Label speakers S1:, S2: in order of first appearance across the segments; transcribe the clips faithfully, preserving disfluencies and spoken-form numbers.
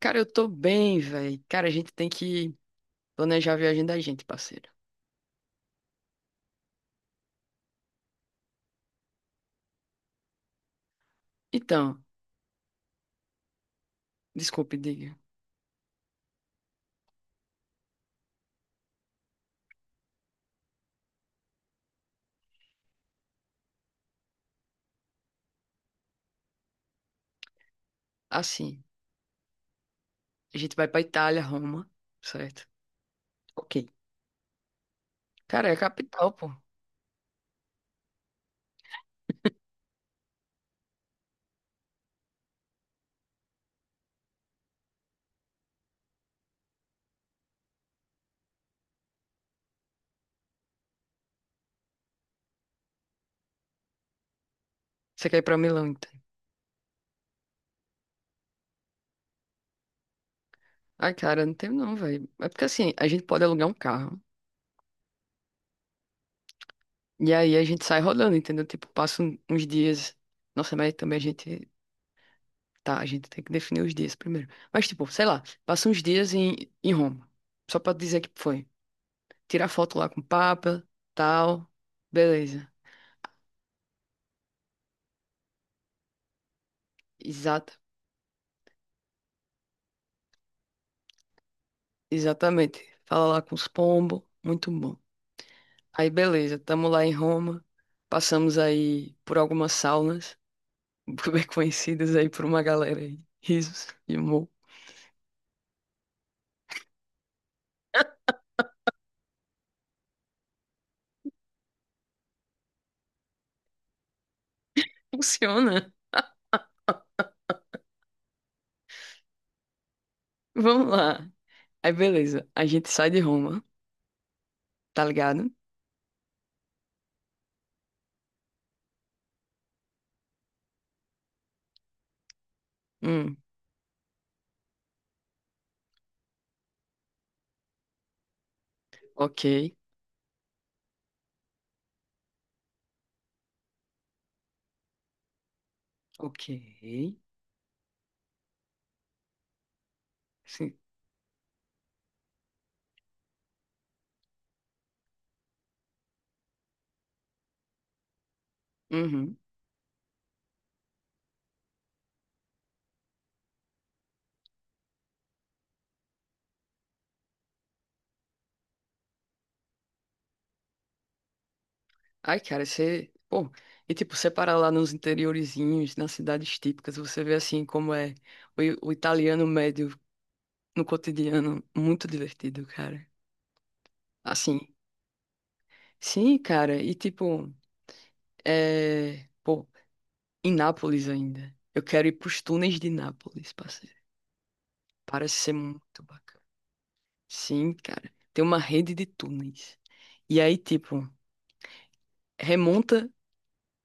S1: Cara, eu tô bem, velho. Cara, a gente tem que planejar a viagem da gente, parceiro. Então, desculpe, diga. Assim, a gente vai pra Itália, Roma, certo? Ok. Cara, é a capital, pô. Você quer ir pra Milão, então? Ai, cara, não tem não, velho. É porque assim, a gente pode alugar um carro e aí a gente sai rodando, entendeu? Tipo, passa um- uns dias. Nossa, mas também a gente. Tá, a gente tem que definir os dias primeiro. Mas, tipo, sei lá, passa uns dias em, em Roma. Só pra dizer que foi. Tirar foto lá com o Papa, tal. Beleza. Exato. Exatamente. Fala lá com os pombos. Muito bom. Aí, beleza. Tamo lá em Roma. Passamos aí por algumas saunas, bem conhecidas aí por uma galera aí. Risos e humor. Funciona. Vamos lá. Aí, beleza. A gente sai de Roma, tá ligado? Hum, ok. Ok. Sim. Uhum. Ai, cara, você. Pô, e tipo, você para lá nos interiorizinhos, nas cidades típicas, você vê assim como é o, i- o italiano médio no cotidiano. Muito divertido, cara. Assim. Sim, cara, e tipo, é. Pô, em Nápoles ainda. Eu quero ir pros túneis de Nápoles, parceiro. Parece ser muito bacana. Sim, cara. Tem uma rede de túneis. E aí, tipo, remonta.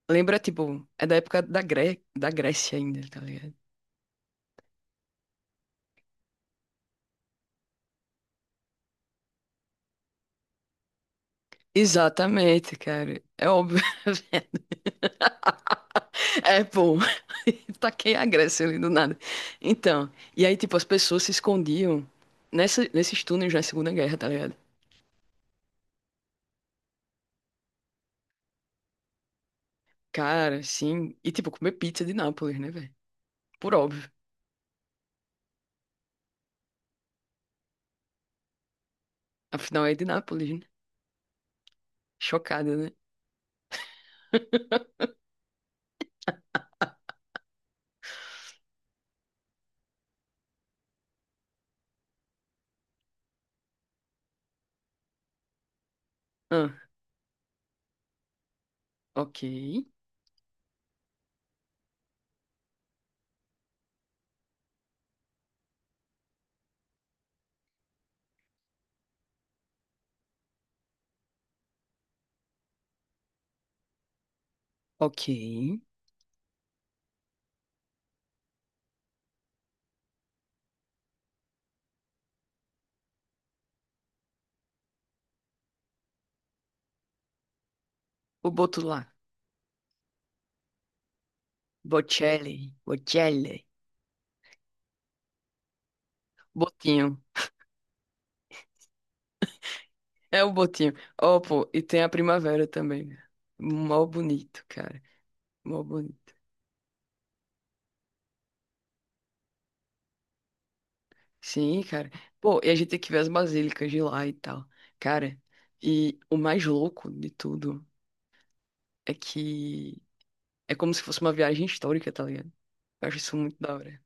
S1: Lembra, tipo, é da época da, Gré... da Grécia ainda, tá ligado? Exatamente, cara. É óbvio. É pô, taquei a Grécia ali do nada. Então, e aí, tipo, as pessoas se escondiam nessa, nesses túneis na Segunda Guerra, tá ligado? Cara, sim. E, tipo, comer pizza de Nápoles, né, velho? Por óbvio. Afinal, é de Nápoles, né? Chocada, né? Ah, ok. ok. O boto lá. Bocelli. Bocelli. Botinho. É o botinho. Ó, pô, e tem a primavera também, né? Mó bonito, cara. Mó bonito. Sim, cara. Pô, e a gente tem que ver as basílicas de lá e tal. Cara, e o mais louco de tudo é que é como se fosse uma viagem histórica, tá ligado? Eu acho isso muito da hora.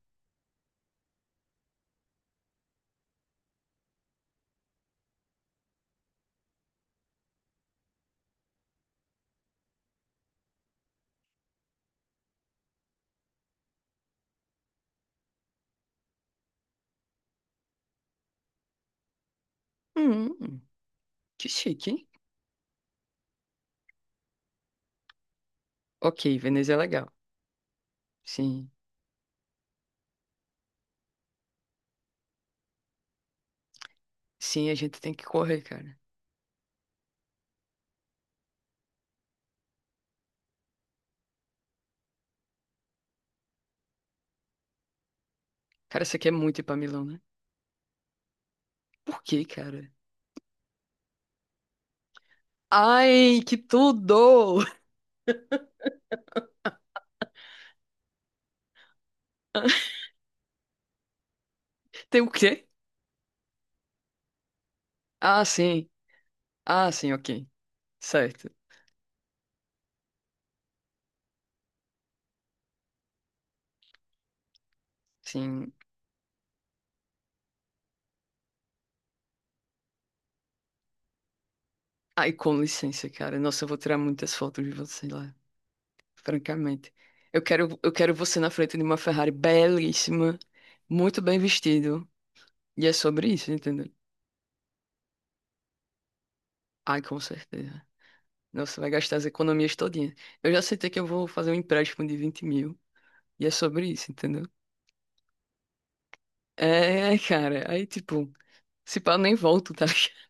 S1: Hum, que chique, hein? Ok, Veneza é legal. Sim. Sim, a gente tem que correr, cara. Cara, você quer muito ir pra Milão, né? Por quê, cara? Ai, que tudo! Tem o quê? Ah, sim. Ah, sim, ok. Certo. Sim. Ai, com licença, cara. Nossa, eu vou tirar muitas fotos de você lá. Francamente. Eu quero, eu quero você na frente de uma Ferrari belíssima, muito bem vestido. E é sobre isso, entendeu? Ai, com certeza. Nossa, vai gastar as economias todinhas. Eu já aceitei que eu vou fazer um empréstimo de vinte mil. E é sobre isso, entendeu? É, cara. Aí, tipo, se pá, eu nem volto, tá ligado?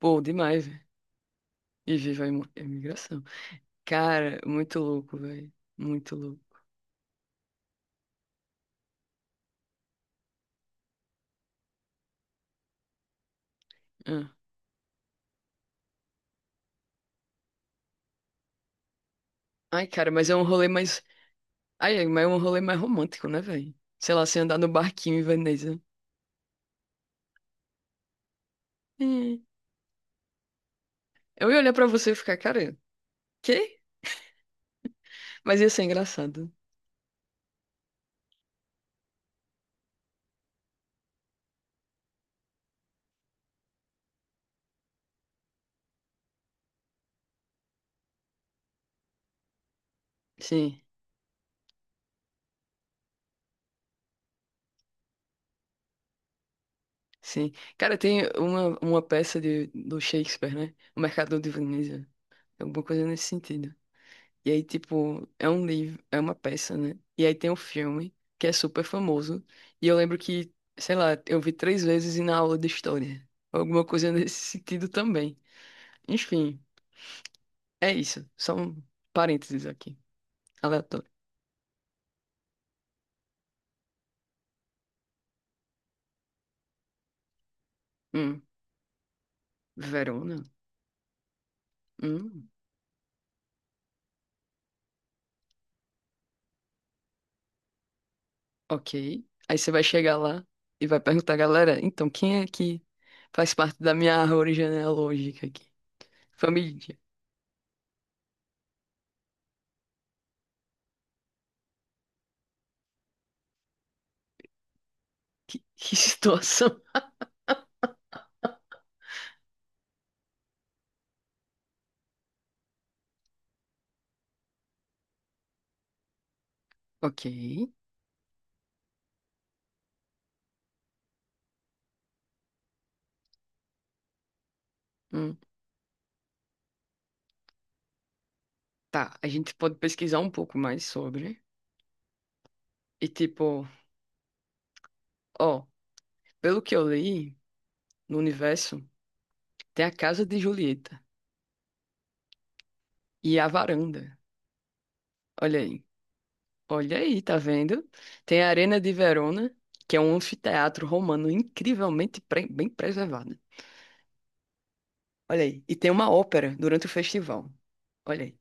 S1: Pô, demais, velho. E viva a imi- a imigração. Cara, muito louco, velho. Muito louco. Ah. Ai, cara, mas é um rolê mais. Ai, é, mas é um rolê mais romântico, né, velho? Sei lá, você andar no barquinho em Veneza. É. Eu ia olhar pra você e ficar, cara, quê? Mas ia ser engraçado. Sim, sim. Cara, tem uma, uma peça de, do Shakespeare, né? O Mercador de Veneza. Alguma coisa nesse sentido. E aí, tipo, é um livro, é uma peça, né? E aí tem um filme que é super famoso. E eu lembro que, sei lá, eu vi três vezes e na aula de história. Alguma coisa nesse sentido também. Enfim, é isso. Só um parênteses aqui. Aleatório. Hum, Verona? Hum. Ok. Aí você vai chegar lá e vai perguntar, galera, então quem é que faz parte da minha árvore genealógica aqui? Família. Que situação. Ok. Hum. Tá, a gente pode pesquisar um pouco mais sobre. E tipo, ó, pelo que eu li no universo, tem a casa de Julieta e a varanda. Olha aí. Olha aí, tá vendo? Tem a Arena de Verona, que é um anfiteatro romano incrivelmente pre- bem preservado. Olha aí. E tem uma ópera durante o festival. Olha aí.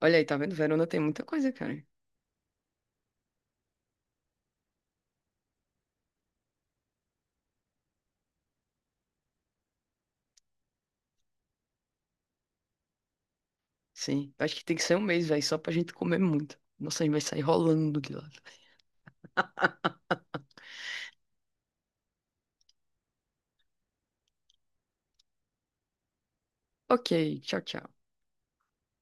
S1: Olha aí, tá vendo? Verona tem muita coisa, cara. Sim. Acho que tem que ser um mês, velho, só pra gente comer muito. Nossa, a gente vai sair rolando de lá. Ok, tchau, tchau.